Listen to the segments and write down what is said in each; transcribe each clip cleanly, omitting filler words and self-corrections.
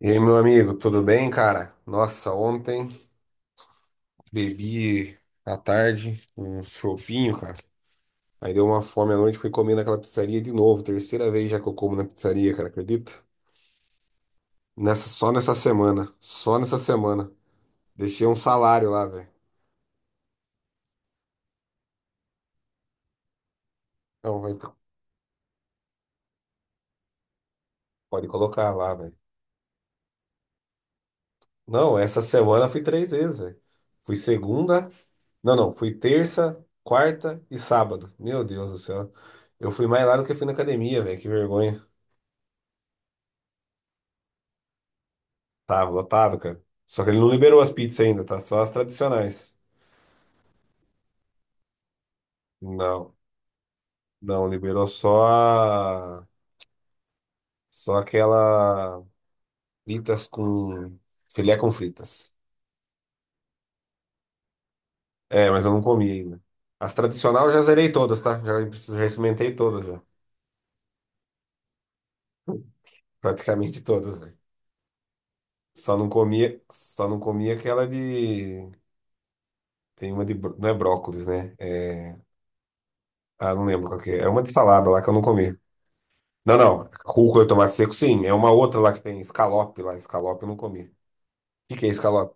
E aí, meu amigo, tudo bem, cara? Nossa, ontem bebi à tarde um chovinho, cara. Aí deu uma fome à noite, fui comer naquela pizzaria de novo. Terceira vez já que eu como na pizzaria, cara, acredita? Nessa, só nessa semana. Só nessa semana. Deixei um salário lá, velho. Não, vai, pode colocar lá, velho. Não, essa semana fui três vezes, velho. Fui segunda. Não, não, fui terça, quarta e sábado. Meu Deus do céu. Eu fui mais lá do que fui na academia, velho. Que vergonha. Tava lotado, cara. Só que ele não liberou as pizzas ainda, tá? Só as tradicionais. Não, não, liberou só a... só aquela fritas com filé com fritas. É, mas eu não comi ainda. As tradicionais eu já zerei todas, tá? Já experimentei todas já. Praticamente todas, velho. Só não comia aquela de tem uma de bro- não é brócolis, né? Ah, não lembro qual que é. É uma de salada lá que eu não comi. Não, não. Rúcula e tomate seco, sim. É uma outra lá que tem escalope lá. Escalope eu não comi. O que que é escalope?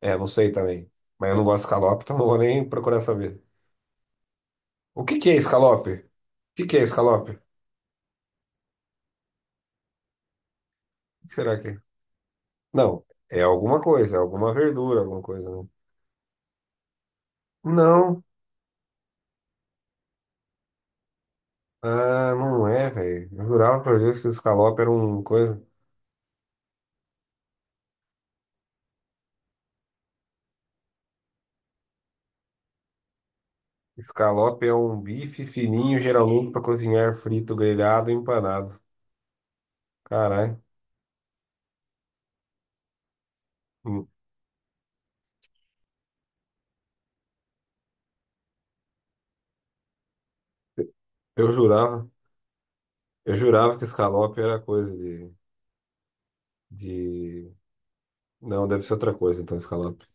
É, não sei também. Mas eu não gosto de escalope, então não vou nem procurar saber. O que que é escalope? O que que é escalope? O que será que é? Não, é alguma coisa, é alguma verdura, alguma coisa, né? Não. Ah, não é, velho. Eu jurava por Deus que o escalope era uma coisa. Escalope é um bife fininho, geralmente para cozinhar frito, grelhado, empanado. Caralho. Eu jurava. Eu jurava que escalope era coisa de... Não, deve ser outra coisa, então, escalope.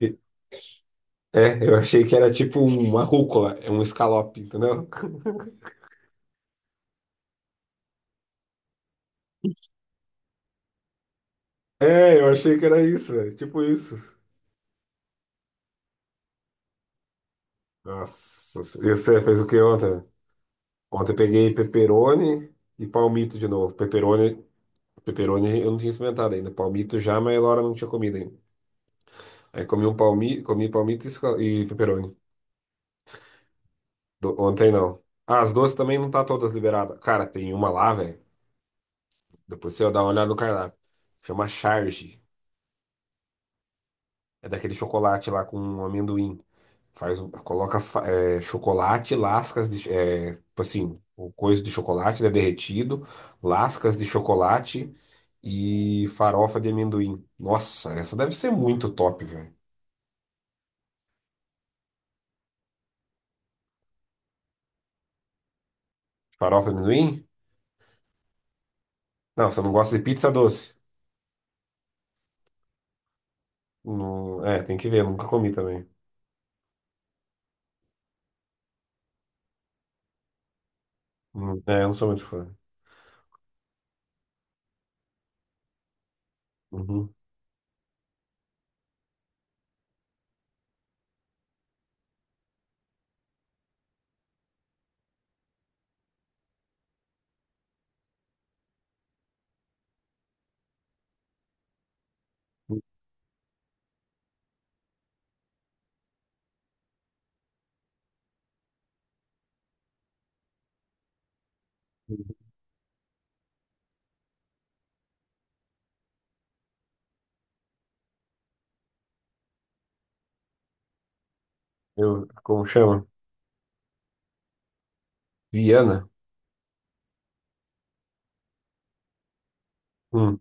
E- É, eu achei que era tipo uma rúcula, é um Scallop, entendeu? É, eu achei que era isso, velho, tipo isso. Nossa, e você fez o que ontem? Ontem eu peguei pepperoni e palmito de novo. Pepperoni eu não tinha experimentado ainda. Palmito já, mas a Laura não tinha comido ainda. Aí comi um palmito, comi palmito e, e pepperoni. Ontem não. Ah, as doces também não tá todas liberadas. Cara, tem uma lá, velho. Depois você dá uma olhada no cardápio. Chama Charge. É daquele chocolate lá com amendoim. Faz, coloca é, chocolate, lascas de. É, tipo assim, o coisa de chocolate, né, derretido, lascas de chocolate e farofa de amendoim. Nossa, essa deve ser muito top, velho. Farofa de amendoim? Não, você não gosta de pizza doce? Não, é, tem que ver, nunca comi também. É, eu não sou muito fã. Uhum. Uhum. Eu, como chama? Viana? Hum.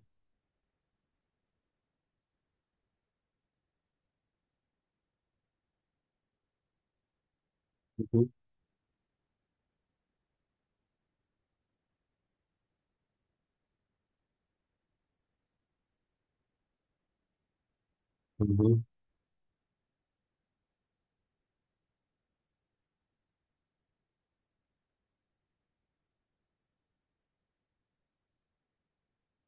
Uhum. Uhum.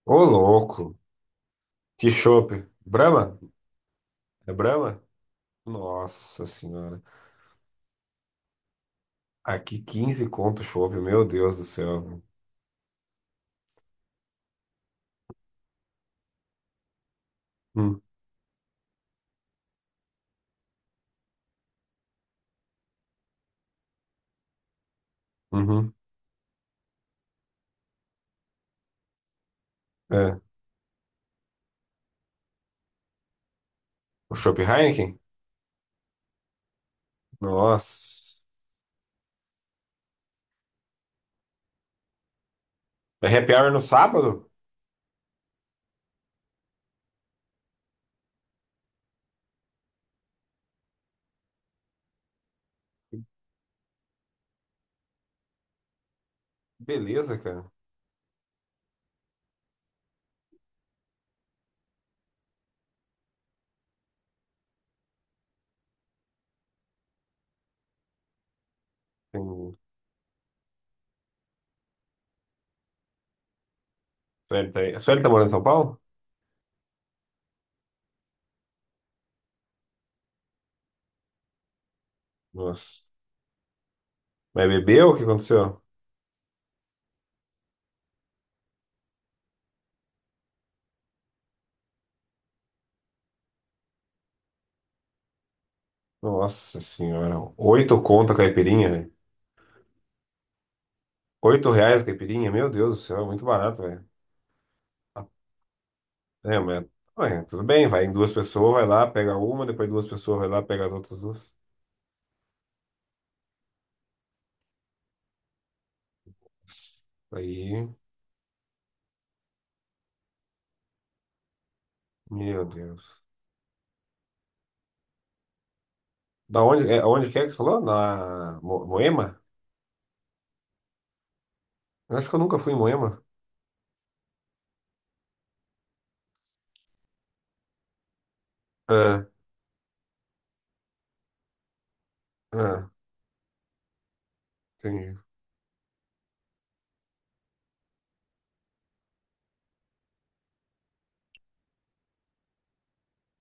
Ô, louco. Que chopp. Brahma? É Brahma? Nossa senhora. Aqui 15 conto o chopp, meu Deus do céu. Hum, uhum. É. O chopp Heineken? Nossa. É happy hour no sábado? Beleza, cara. Tem... Sueli tá aí. A Sueli tá morando em São Paulo? Nossa. Mas bebeu? O que aconteceu? Nossa senhora. Oito conto a caipirinha, velho. Oito reais a caipirinha? Meu Deus do céu, é muito barato, velho. É, mas ué, tudo bem, vai em duas pessoas, vai lá, pega uma, depois duas pessoas, vai lá, pega as outras duas. Aí, meu Deus. Da onde, é, onde que é que você falou? Na Moema? Eu acho que eu nunca fui em Moema. Ah, ah, entendi.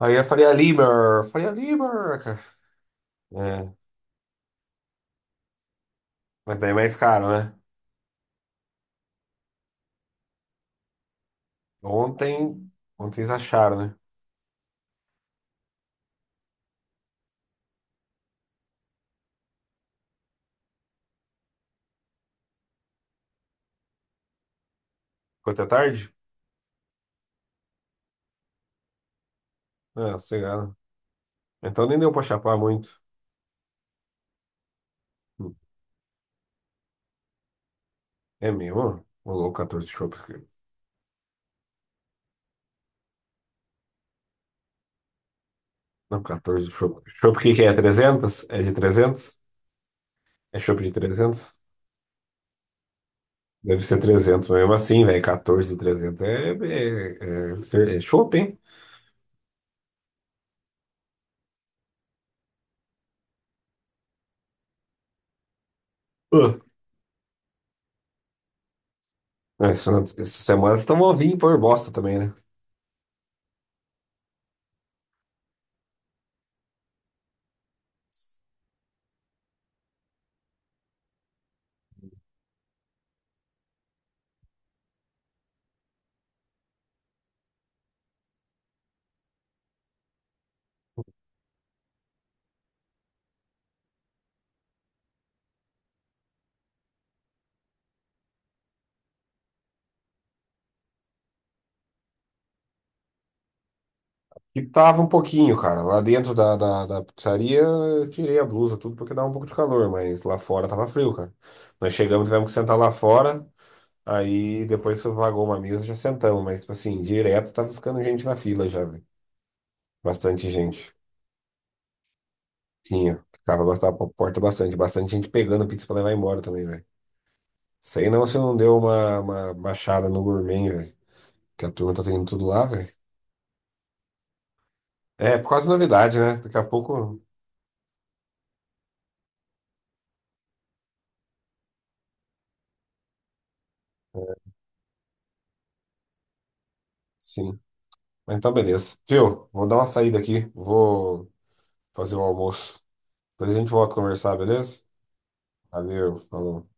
Aí eu falei a Liber, cara. É, mas daí é mais caro, né? Ontem, ontem vocês acharam, né? Ficou até tarde? Ah, sossegado. Então nem deu pra chapar muito. Hum, É mesmo? Ô louco, 14 chopps. Não, 14 chopp. Chopp, que é? 300? É de 300? É chopp de 300? Deve ser 300 mesmo assim, velho. 14 de é chopp, hein? Uh. Essa semana vocês estão novinhos por bosta também, né? E tava um pouquinho, cara. Lá dentro da pizzaria, eu tirei a blusa, tudo, porque dava um pouco de calor, mas lá fora tava frio, cara. Nós chegamos, tivemos que sentar lá fora, aí depois vagou uma mesa, já sentamos, mas, tipo assim, direto tava ficando gente na fila já, velho. Bastante gente. Tinha. Ficava bastava pra porta bastante. Bastante gente pegando pizza pra levar embora também, velho. Sei não se não deu uma baixada no gourmet, velho. Que a turma tá tendo tudo lá, velho. É, por causa da novidade, né? Daqui a pouco, é, sim. Mas então, beleza. Viu? Vou dar uma saída aqui. Vou fazer o almoço. Depois a gente volta a conversar, beleza? Valeu, falou.